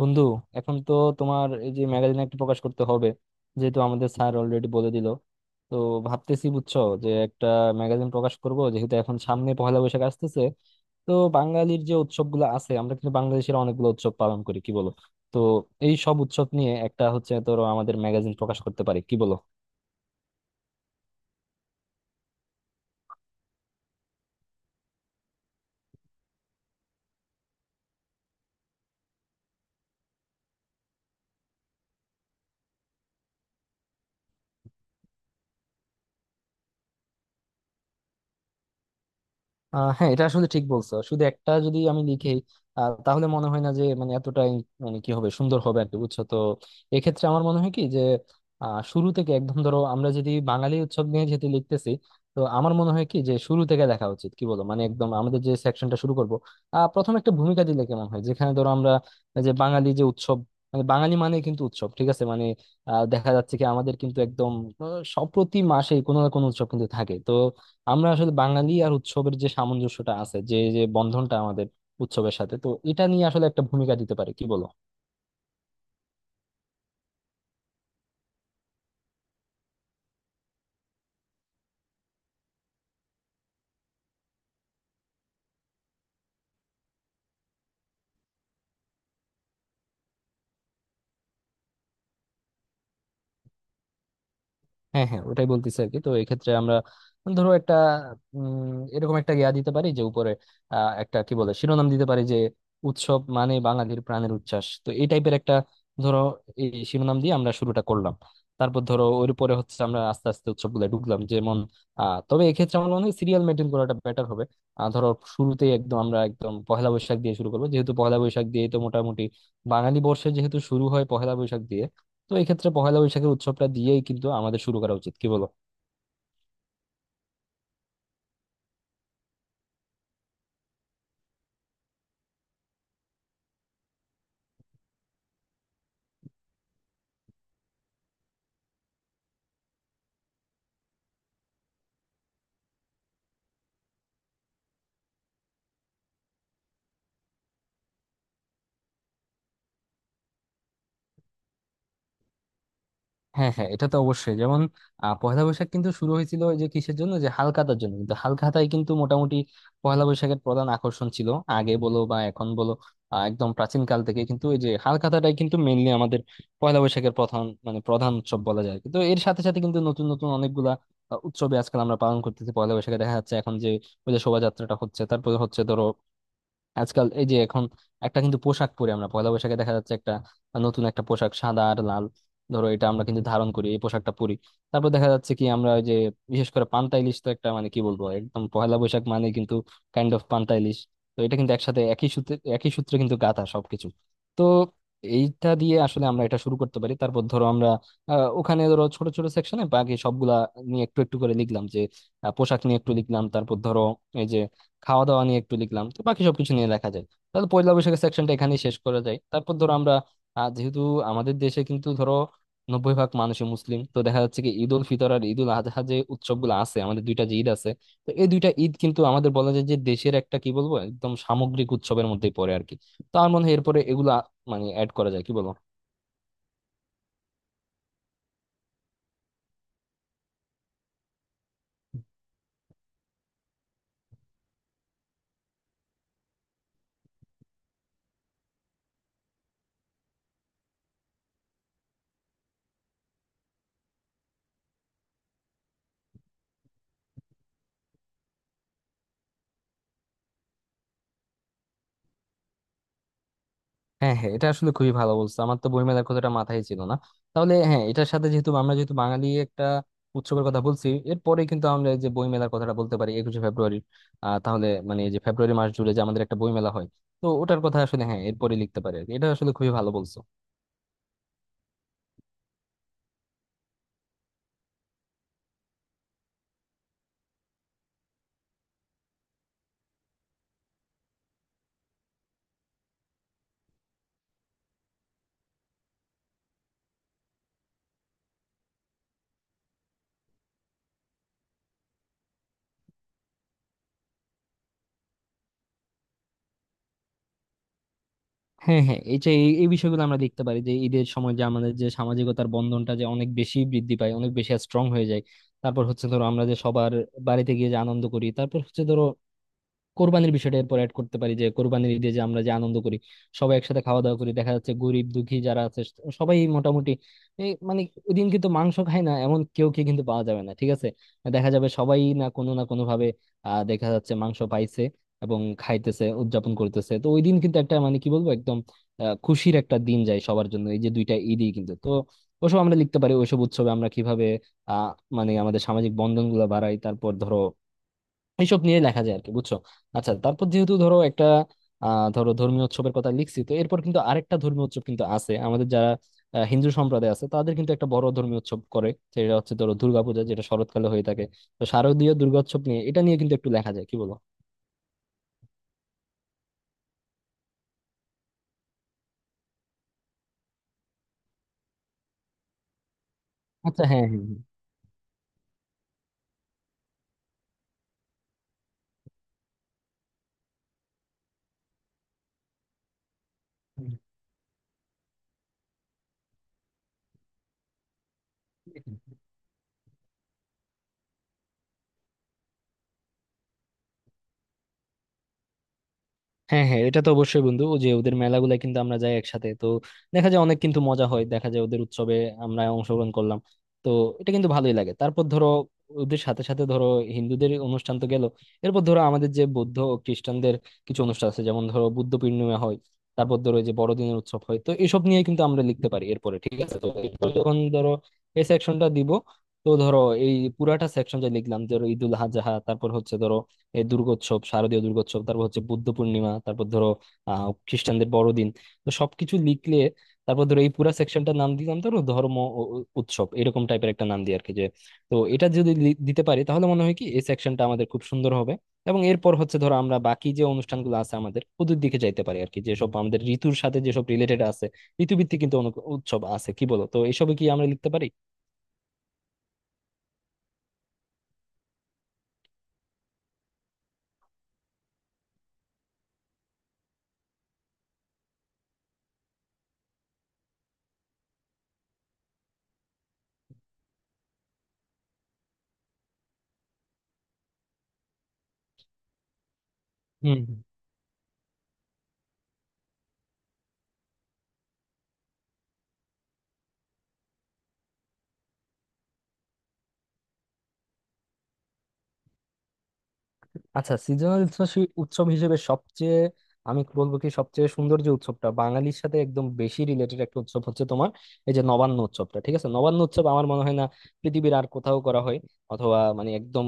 বন্ধু, এখন তো তোমার এই যে ম্যাগাজিন একটা প্রকাশ করতে হবে, যেহেতু আমাদের স্যার অলরেডি বলে দিল। তো ভাবতেছি বুঝছো যে একটা ম্যাগাজিন প্রকাশ করব, যেহেতু এখন সামনে পহেলা বৈশাখ আসতেছে। তো বাঙালির যে উৎসবগুলো আছে, আমরা কিন্তু বাংলাদেশের অনেকগুলো উৎসব পালন করি, কি বলো? তো এই সব উৎসব নিয়ে একটা হচ্ছে ধরো আমাদের ম্যাগাজিন প্রকাশ করতে পারি, কি বলো? হ্যাঁ, এটা আসলে ঠিক বলছো, শুধু একটা যদি আমি লিখি তাহলে মনে হয় না যে মানে এতটাই মানে কি হবে সুন্দর হবে আর কি, বুঝছো তো। এক্ষেত্রে আমার মনে হয় কি যে শুরু থেকে একদম ধরো আমরা যদি বাঙালি উৎসব নিয়ে যেহেতু লিখতেছি, তো আমার মনে হয় কি যে শুরু থেকে দেখা উচিত, কি বলো, মানে একদম আমাদের যে সেকশনটা শুরু করবো প্রথম একটা ভূমিকা দিলে কেমন হয়, যেখানে ধরো আমরা যে বাঙালি যে উৎসব মানে, বাঙালি মানে কিন্তু উৎসব, ঠিক আছে, মানে দেখা যাচ্ছে কি আমাদের কিন্তু একদম আহ, সব প্রতি মাসেই কোনো না কোনো উৎসব কিন্তু থাকে। তো আমরা আসলে বাঙালি আর উৎসবের যে সামঞ্জস্যটা আছে, যে যে বন্ধনটা আমাদের উৎসবের সাথে, তো এটা নিয়ে আসলে একটা ভূমিকা দিতে পারে, কি বলো? হ্যাঁ, হ্যাঁ, ওটাই বলতেছি আর কি। তো এক্ষেত্রে আমরা ধরো একটা এরকম একটা ইয়া দিতে পারি যে উপরে একটা কি বলে শিরোনাম দিতে পারি যে উৎসব মানে বাঙালির প্রাণের উচ্ছ্বাস, তো এই টাইপের একটা ধরো এই শিরোনাম দিয়ে আমরা শুরুটা করলাম। তারপর ধরো ওর উপরে হচ্ছে আমরা আস্তে আস্তে উৎসবগুলো ঢুকলাম, যেমন তবে এক্ষেত্রে আমার মনে হয় সিরিয়াল মেনটেন করাটা বেটার হবে। ধরো শুরুতেই একদম আমরা একদম পহেলা বৈশাখ দিয়ে শুরু করবো, যেহেতু পহেলা বৈশাখ দিয়ে তো মোটামুটি বাঙালি বর্ষে যেহেতু শুরু হয় পহেলা বৈশাখ দিয়ে। তো এই ক্ষেত্রে পহেলা বৈশাখের উৎসবটা দিয়েই কিন্তু আমাদের শুরু করা উচিত, কি বলো? হ্যাঁ, হ্যাঁ, এটা তো অবশ্যই, যেমন পহেলা বৈশাখ কিন্তু শুরু হয়েছিল ওই যে কিসের জন্য, যে হালখাতার জন্য, কিন্তু হালখাতাই কিন্তু মোটামুটি পহেলা বৈশাখের প্রধান আকর্ষণ ছিল, আগে বলো বা এখন বলো। একদম প্রাচীন কাল থেকে কিন্তু এই যে হালখাতাটাই কিন্তু মেইনলি আমাদের পয়লা বৈশাখের প্রধান, মানে প্রধান উৎসব বলা যায়, কিন্তু এর সাথে সাথে কিন্তু নতুন নতুন অনেকগুলা উৎসবে আজকাল আমরা পালন করতেছি পয়লা বৈশাখে। দেখা যাচ্ছে এখন যে ওই যে শোভাযাত্রাটা হচ্ছে, তারপরে হচ্ছে ধরো আজকাল এই যে এখন একটা কিন্তু পোশাক পরি আমরা পয়লা বৈশাখে, দেখা যাচ্ছে একটা নতুন একটা পোশাক, সাদা আর লাল। ধরো এটা আমরা কিন্তু ধারণ করি, এই পোশাকটা পরি। তারপর দেখা যাচ্ছে কি আমরা ওই যে বিশেষ করে পান্তা ইলিশ, তো একটা মানে কি বলবো, একদম পয়লা বৈশাখ মানে কিন্তু কাইন্ড অফ পান্তা ইলিশ। তো এটা কিন্তু একসাথে একই সূত্রে কিন্তু গাঁথা সবকিছু। তো এইটা দিয়ে আসলে আমরা এটা শুরু করতে পারি। তারপর ধরো আমরা ওখানে ধরো ছোট ছোট সেকশনে বাকি সবগুলা নিয়ে একটু একটু করে লিখলাম, যে পোশাক নিয়ে একটু লিখলাম, তারপর ধরো এই যে খাওয়া দাওয়া নিয়ে একটু লিখলাম, তো বাকি সবকিছু নিয়ে লেখা যায়। তাহলে পয়লা বৈশাখের সেকশনটা এখানেই শেষ করা যায়। তারপর ধরো আমরা যেহেতু আমাদের দেশে কিন্তু ধরো 90 ভাগ মানুষই মুসলিম, তো দেখা যাচ্ছে কি ঈদ উল ফিতর আর ঈদ উল আজহা যে উৎসবগুলো আছে, আমাদের দুইটা যে ঈদ আছে, তো এই দুইটা ঈদ কিন্তু আমাদের বলা যায় যে দেশের একটা কি বলবো একদম সামগ্রিক উৎসবের মধ্যেই পড়ে আর কি। তো আমার মনে হয় এরপরে এগুলা মানে অ্যাড করা যায়, কি বলো? হ্যাঁ, হ্যাঁ, এটা আসলে খুবই ভালো বলছো, আমার তো বইমেলার কথাটা মাথায় ছিল না। তাহলে হ্যাঁ, এটার সাথে যেহেতু আমরা, যেহেতু বাঙালি একটা উৎসবের কথা বলছি, এরপরে কিন্তু আমরা এই যে বইমেলার কথাটা বলতে পারি, 21শে ফেব্রুয়ারি। তাহলে মানে এই যে ফেব্রুয়ারি মাস জুড়ে যে আমাদের একটা বইমেলা হয়, তো ওটার কথা আসলে হ্যাঁ এরপরে লিখতে পারি আর কি। এটা আসলে খুবই ভালো বলছো। হ্যাঁ, হ্যাঁ, এই যে এই এই বিষয়গুলো আমরা লিখতে পারি যে ঈদের সময় যে আমাদের যে সামাজিকতার বন্ধনটা যে অনেক বেশি বৃদ্ধি পায়, অনেক বেশি স্ট্রং হয়ে যায়। তারপর হচ্ছে ধরো আমরা যে সবার বাড়িতে গিয়ে যে আনন্দ করি। তারপর হচ্ছে ধরো কোরবানির বিষয়টা এরপর অ্যাড করতে পারি, যে কোরবানির ঈদে যে আমরা যে আনন্দ করি, সবাই একসাথে খাওয়া দাওয়া করি। দেখা যাচ্ছে গরিব দুঃখী যারা আছে সবাই মোটামুটি, এই মানে ওই দিন কিন্তু মাংস খায় না এমন কেউ কে কিন্তু পাওয়া যাবে না, ঠিক আছে। দেখা যাবে সবাই না কোনো না কোনো ভাবে দেখা যাচ্ছে মাংস পাইছে এবং খাইতেছে, উদযাপন করতেছে। তো ওই দিন কিন্তু একটা মানে কি বলবো একদম খুশির একটা দিন যায় সবার জন্য। এই যে দুইটা ঈদই কিন্তু তো ওসব আমরা লিখতে পারি, ওইসব উৎসবে আমরা কিভাবে আহ মানে আমাদের সামাজিক বন্ধন গুলা বাড়াই। তারপর ধরো এইসব নিয়ে লেখা যায় আর কি, বুঝছো। আচ্ছা, তারপর যেহেতু ধরো একটা ধরো ধর্মীয় উৎসবের কথা লিখছি, তো এরপর কিন্তু আরেকটা ধর্মীয় উৎসব কিন্তু আছে আমাদের যারা হিন্দু সম্প্রদায় আছে তাদের, কিন্তু একটা বড় ধর্মীয় উৎসব করে সেটা হচ্ছে ধরো দুর্গাপূজা, যেটা শরৎকালে হয়ে থাকে। তো শারদীয় দুর্গোৎসব নিয়ে, এটা নিয়ে কিন্তু একটু লেখা যায়, কি বলো? আচ্ছা, হ্যাঁ, হ্যাঁ, হ্যাঁ। হ্যাঁ, হ্যাঁ, এটা তো অবশ্যই বন্ধু, ও যে ওদের মেলাগুলা কিন্তু আমরা যাই একসাথে, তো দেখা যায় অনেক কিন্তু মজা হয়, দেখা যায় ওদের উৎসবে আমরা অংশগ্রহণ করলাম। তো এটা কিন্তু ভালোই লাগে। তারপর ধরো ওদের সাথে সাথে ধরো হিন্দুদের অনুষ্ঠান তো গেল, এরপর ধরো আমাদের যে বৌদ্ধ ও খ্রিস্টানদের কিছু অনুষ্ঠান আছে, যেমন ধরো বুদ্ধ পূর্ণিমা হয়, তারপর ধরো এই যে বড়দিনের উৎসব হয়, তো এসব নিয়ে কিন্তু আমরা লিখতে পারি এরপরে, ঠিক আছে। তো এরপর যখন ধরো এই সেকশনটা দিব, তো ধরো এই পুরাটা সেকশন যা লিখলাম ধরো ঈদুল আজহা, তারপর হচ্ছে ধরো এই দুর্গোৎসব, শারদীয় দুর্গোৎসব, তারপর হচ্ছে বুদ্ধ পূর্ণিমা, তারপর ধরো খ্রিস্টানদের বড়দিন, তো সবকিছু লিখলে তারপর ধরো এই পুরা সেকশনটার নাম দিলাম ধরো ধর্ম ও উৎসব, এরকম টাইপের একটা নাম দিই আর কি। যে তো এটা যদি দিতে পারি তাহলে মনে হয় কি এই সেকশনটা আমাদের খুব সুন্দর হবে। এবং এরপর হচ্ছে ধরো আমরা বাকি যে অনুষ্ঠানগুলো আছে আমাদের, ওদের দিকে যাইতে পারি আর কি, যেসব আমাদের ঋতুর সাথে যেসব রিলেটেড আছে। ঋতুভিত্তিক কিন্তু অনেক উৎসব আছে, কি বলো, তো এসবে কি আমরা লিখতে পারি? হুম। আচ্ছা, সিজনাল উৎসব হিসেবে সবচেয়ে আমি বলবো কি, সবচেয়ে সুন্দর যে উৎসবটা বাঙালির সাথে একদম বেশি রিলেটেড একটা উৎসব হচ্ছে তোমার এই যে নবান্ন উৎসবটা, ঠিক আছে। নবান্ন উৎসব আমার মনে হয় না পৃথিবীর আর কোথাও করা হয়, অথবা মানে একদম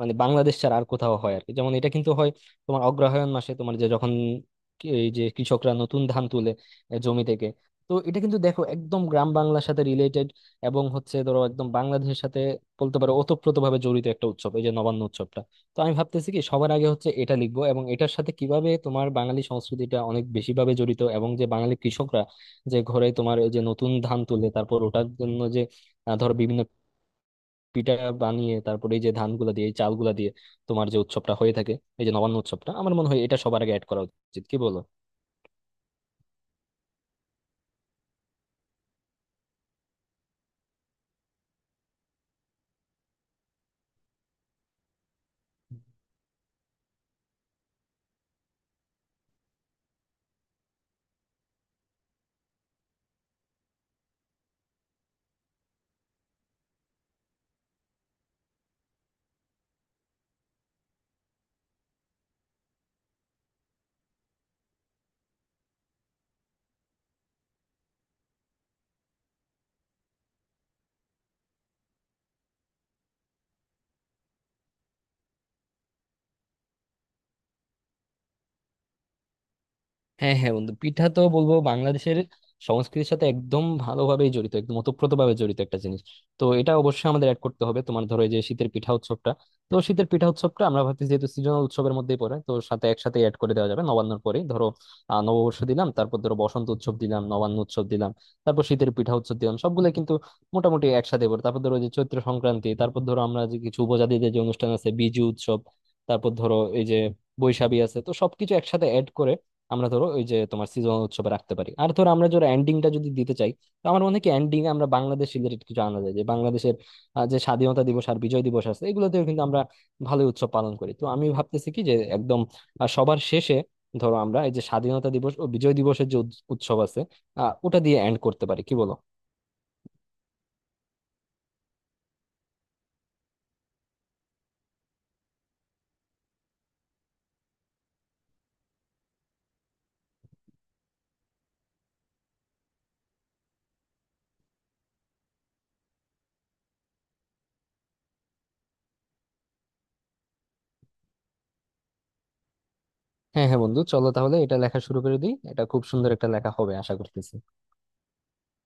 মানে বাংলাদেশ ছাড়া আর কোথাও হয় আর কি। যেমন এটা কিন্তু হয় তোমার অগ্রহায়ণ মাসে, তোমার যে যখন এই যে কৃষকরা নতুন ধান তুলে জমি থেকে। তো এটা কিন্তু দেখো একদম গ্রাম বাংলার সাথে রিলেটেড এবং হচ্ছে ধরো একদম বাংলাদেশের সাথে বলতে পারো ওতপ্রোতভাবে জড়িত একটা উৎসব, এই যে নবান্ন উৎসবটা। তো আমি ভাবতেছি কি সবার আগে হচ্ছে এটা লিখবো, এবং এটার সাথে কিভাবে তোমার বাঙালি সংস্কৃতিটা অনেক বেশি ভাবে জড়িত, এবং যে বাঙালি কৃষকরা যে ঘরে তোমার এই যে নতুন ধান তুলে তারপর ওটার জন্য যে ধরো বিভিন্ন পিঠা বানিয়ে তারপরে এই যে ধানগুলা দিয়ে এই চালগুলা দিয়ে তোমার যে উৎসবটা হয়ে থাকে, এই যে নবান্ন উৎসবটা, আমার মনে হয় এটা সবার আগে অ্যাড করা উচিত, কি বলো? হ্যাঁ, হ্যাঁ, বন্ধু, পিঠা তো বলবো বাংলাদেশের সংস্কৃতির সাথে একদম ভালোভাবেই জড়িত, একদম ওতপ্রোত ভাবে জড়িত একটা জিনিস। তো এটা অবশ্যই আমাদের অ্যাড করতে হবে, তোমার ধরো এই যে শীতের পিঠা উৎসবটা। তো শীতের পিঠা উৎসবটা আমরা ভাবছি যেহেতু সিজনাল উৎসবের মধ্যেই পড়ে, তো সাথে একসাথে অ্যাড করে দেওয়া যাবে নবান্নর পরে। ধরো নববর্ষ দিলাম, তারপর ধরো বসন্ত উৎসব দিলাম, নবান্ন উৎসব দিলাম, তারপর শীতের পিঠা উৎসব দিলাম, সবগুলো কিন্তু মোটামুটি একসাথে পড়ে। তারপর ধরো যে চৈত্র সংক্রান্তি, তারপর ধরো আমরা যে কিছু উপজাতিদের যে অনুষ্ঠান আছে বিজু উৎসব, তারপর ধরো এই যে বৈশাখী আছে, তো সবকিছু একসাথে অ্যাড করে আমরা ধরো ওই যে তোমার সিজনাল উৎসবে রাখতে পারি। আর ধরো আমরা ধরো এন্ডিংটা যদি দিতে চাই, তো আমার মনে হয় কি এন্ডিং আমরা বাংলাদেশ রিলেটেড কিছু আনা যায়, যে বাংলাদেশের যে স্বাধীনতা দিবস আর বিজয় দিবস আছে, এগুলোতেও কিন্তু আমরা ভালোই উৎসব পালন করি। তো আমি ভাবতেছি কি যে একদম সবার শেষে ধরো আমরা এই যে স্বাধীনতা দিবস ও বিজয় দিবসের যে উৎসব আছে ওটা দিয়ে এন্ড করতে পারি, কি বলো? হ্যাঁ, হ্যাঁ, বন্ধু, চলো তাহলে এটা লেখা শুরু করে দিই, এটা খুব সুন্দর একটা লেখা হবে আশা করতেছি।